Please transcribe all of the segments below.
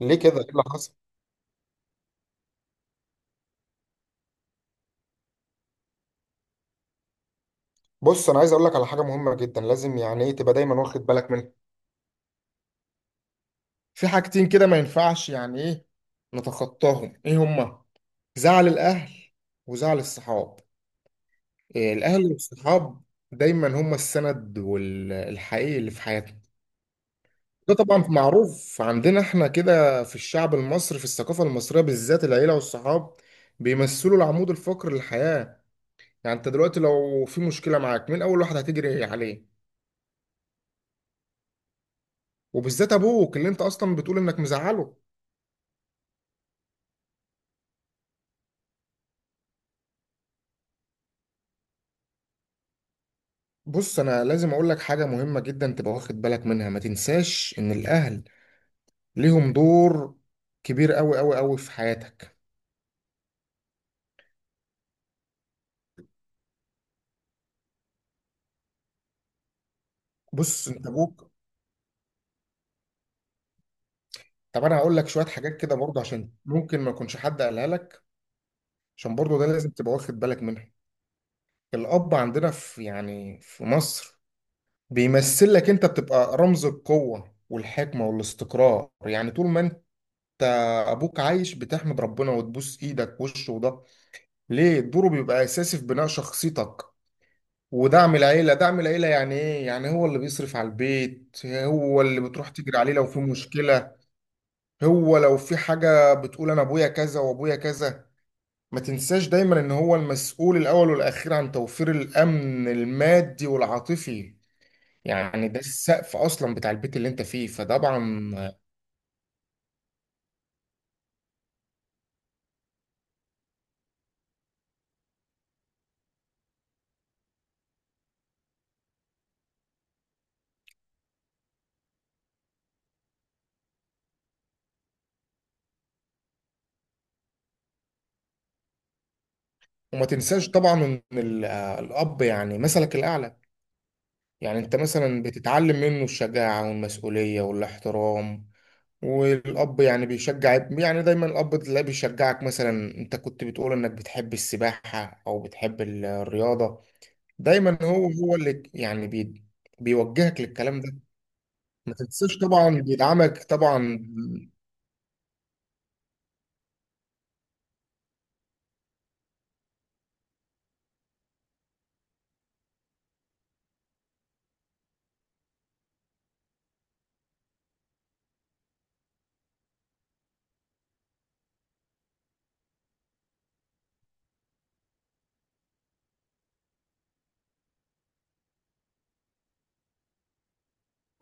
ليه كده، ايه اللي حصل؟ بص، انا عايز اقول لك على حاجه مهمه جدا، لازم يعني ايه تبقى دايما واخد بالك منها. في حاجتين كده ما ينفعش يعني ايه نتخطاهم، ايه هما؟ زعل الاهل وزعل الصحاب. إيه الاهل والصحاب؟ دايما هما السند والحقيقي اللي في حياتنا. ده طبعا معروف عندنا احنا كده في الشعب المصري، في الثقافه المصريه بالذات العيله والصحاب بيمثلوا العمود الفقري للحياه. يعني انت دلوقتي لو في مشكله معاك مين اول واحد هتجري عليه؟ وبالذات ابوك اللي انت اصلا بتقول انك مزعله. بص، انا لازم اقول لك حاجه مهمه جدا تبقى واخد بالك منها. ما تنساش ان الاهل ليهم دور كبير قوي قوي قوي في حياتك. بص، انت ابوك، طب انا هقول لك شويه حاجات كده برضه عشان ممكن ما يكونش حد قالها لك، عشان برضه ده لازم تبقى واخد بالك منها. الاب عندنا في يعني في مصر بيمثل لك، انت بتبقى رمز القوه والحكمه والاستقرار. يعني طول ما انت ابوك عايش بتحمد ربنا وتبوس ايدك وشه. وده ليه الدور بيبقى اساسي في بناء شخصيتك ودعم العيله. دعم العيله يعني ايه؟ يعني هو اللي بيصرف على البيت، هو اللي بتروح تجري عليه لو في مشكله. هو لو في حاجه بتقول انا ابويا كذا وابويا كذا. ما تنساش دايما ان هو المسؤول الاول والاخير عن توفير الامن المادي والعاطفي. يعني ده السقف اصلا بتاع البيت اللي انت فيه، فطبعا. وما تنساش طبعا ان الاب يعني مثلك الاعلى. يعني انت مثلا بتتعلم منه الشجاعه والمسؤوليه والاحترام. والأب يعني يعني دايما الأب تلاقيه بيشجعك، مثلا أنت كنت بتقول إنك بتحب السباحة أو بتحب الرياضة. دايما هو اللي يعني بيوجهك للكلام ده. ما تنساش طبعا بيدعمك طبعا.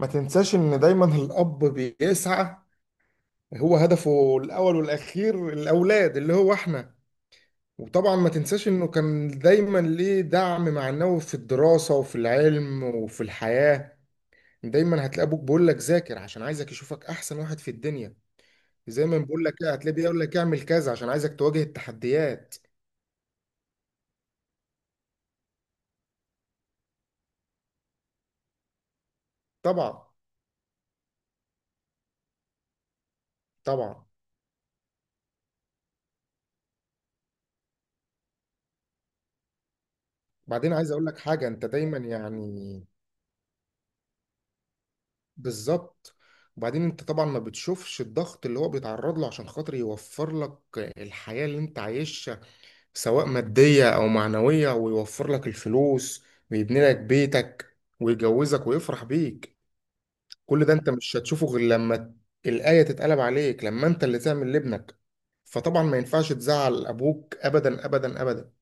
ما تنساش إن دايما الأب بيسعى، هو هدفه الأول والأخير الأولاد اللي هو إحنا. وطبعا ما تنساش إنه كان دايما ليه دعم معنوي في الدراسة وفي العلم وفي الحياة. دايما هتلاقي ابوك بيقول لك ذاكر، عشان عايزك يشوفك احسن واحد في الدنيا. زي ما بيقول لك كده، هتلاقيه بيقول لك اعمل كذا عشان عايزك تواجه التحديات. طبعا. طبعا. بعدين عايز اقول لك حاجه، انت دايما يعني بالظبط. وبعدين انت طبعا ما بتشوفش الضغط اللي هو بيتعرض له عشان خاطر يوفر لك الحياه اللي انت عايشها، سواء ماديه او معنويه، ويوفر لك الفلوس ويبني لك بيتك ويجوزك ويفرح بيك. كل ده انت مش هتشوفه غير لما الآية تتقلب عليك، لما انت اللي تعمل لابنك. فطبعا ما ينفعش تزعل ابوك ابدا ابدا ابدا،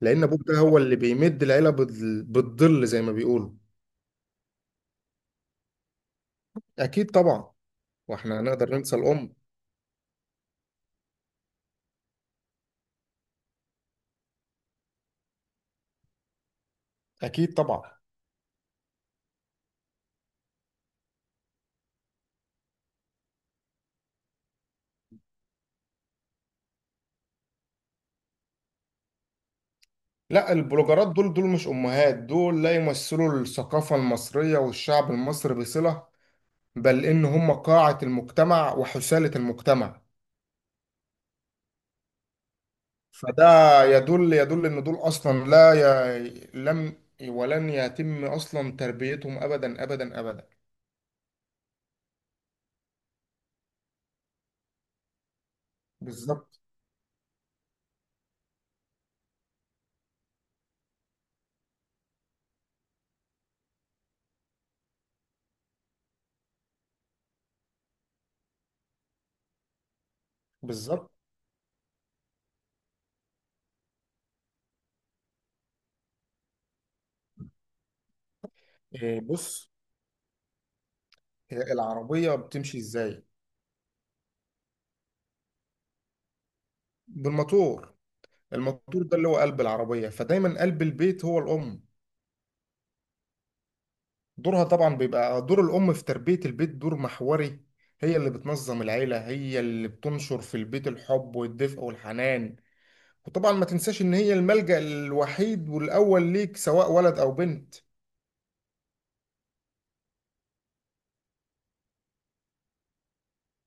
لان ابوك ده هو اللي بيمد العيلة بالظل زي ما بيقولوا. اكيد طبعا. واحنا هنقدر ننسى الام؟ اكيد طبعا. لا، البلوجرات دول مش امهات، دول لا يمثلوا الثقافة المصرية والشعب المصري بصلة، بل ان هم قاعة المجتمع وحثالة المجتمع. فده يدل ان دول اصلا لا لم ولن يتم اصلا تربيتهم ابدا ابدا ابدا. بالظبط. بالظبط. بص، هي العربيه بتمشي ازاي؟ بالموتور. الموتور ده اللي هو قلب العربيه، فدايما قلب البيت هو الام. دورها طبعا بيبقى دور الام في تربيه البيت دور محوري. هي اللي بتنظم العيله، هي اللي بتنشر في البيت الحب والدفء والحنان. وطبعا ما تنساش ان هي الملجأ الوحيد والاول ليك، سواء ولد او بنت.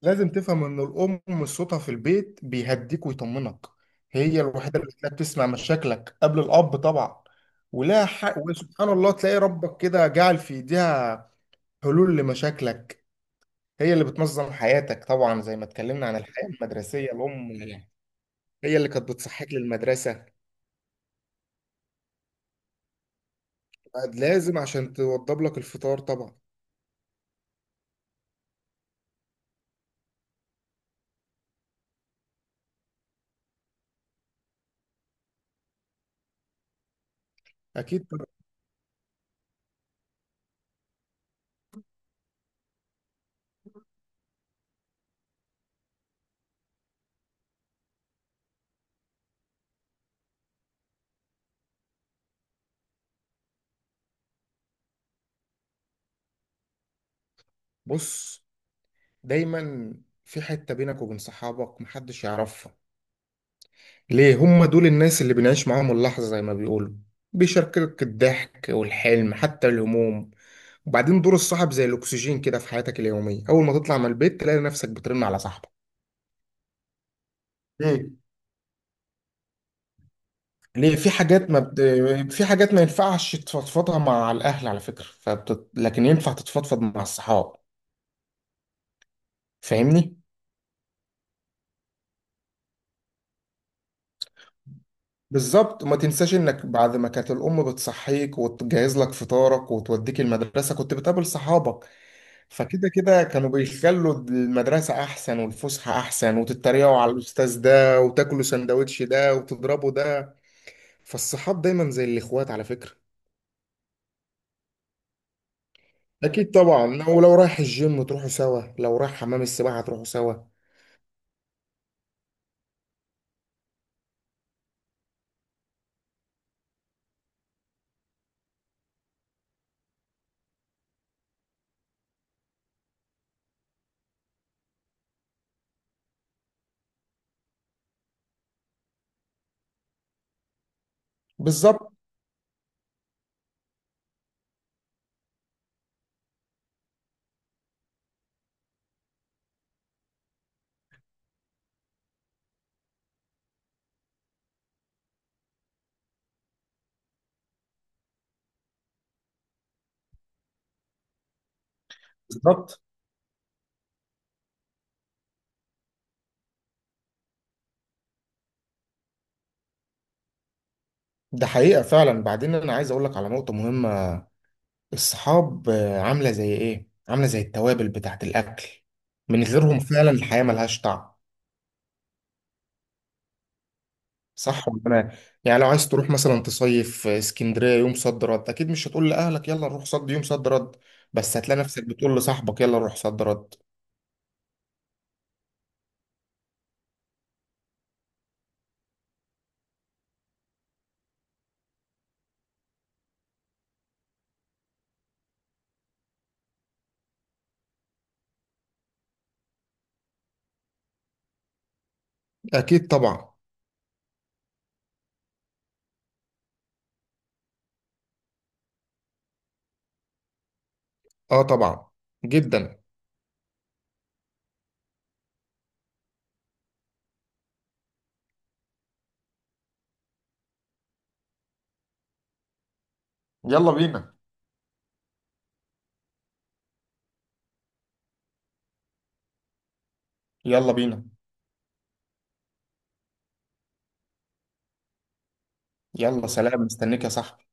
لازم تفهم ان الام صوتها في البيت بيهديك ويطمنك. هي الوحيده اللي بتلاقيها بتسمع مشاكلها قبل الاب طبعا. ولها حق، وسبحان الله، تلاقي ربك كده جعل في ايديها حلول لمشاكلك. هي اللي بتنظم حياتك طبعا، زي ما اتكلمنا عن الحياه المدرسيه. الام هي اللي كانت بتصحيك للمدرسه، لازم عشان توضب لك الفطار طبعا. اكيد طبعا. بص، دايما في حته بينك وبين صحابك محدش يعرفها. ليه؟ هم دول الناس اللي بنعيش معاهم اللحظة زي ما بيقولوا، بيشاركك الضحك والحلم حتى الهموم. وبعدين دور الصاحب زي الأكسجين كده في حياتك اليومية. أول ما تطلع من البيت تلاقي نفسك بترن على صاحبك. ليه؟ ليه في حاجات ما بت... في حاجات ما ينفعش تفضفضها مع الأهل على فكرة، لكن ينفع تتفضفض مع الصحاب. فاهمني؟ بالظبط. وما تنساش انك بعد ما كانت الام بتصحيك وتجهز لك فطارك وتوديك المدرسه، كنت بتقابل صحابك. فكده كانوا بيخلوا المدرسه احسن والفسحه احسن، وتتريقوا على الاستاذ ده وتاكلوا سندوتش ده وتضربوا ده. فالصحاب دايما زي الاخوات على فكره. اكيد طبعا. لو رايح الجيم تروحوا سوا، لو رايح حمام السباحه تروحوا سوا. بالظبط. بالظبط. ده حقيقه فعلا. بعدين انا عايز اقول لك على نقطه مهمه، الصحاب عاملة زي إيه؟ عاملة زي التوابل بتاعة الأكل. من غيرهم فعلا الحياة ملهاش طعم. صح ولا أنا؟ يعني لو عايز تروح مثلا تصيف اسكندرية يوم صد رد، أكيد مش هتقول لأهلك يلا نروح صد يوم صد رد، بس هتلاقي نفسك بتقول لصاحبك يلا نروح صد رد. أكيد طبعا. آه طبعا، جدا. يلا بينا. يلا بينا. يلا سلام، مستنيك يا صاحبي.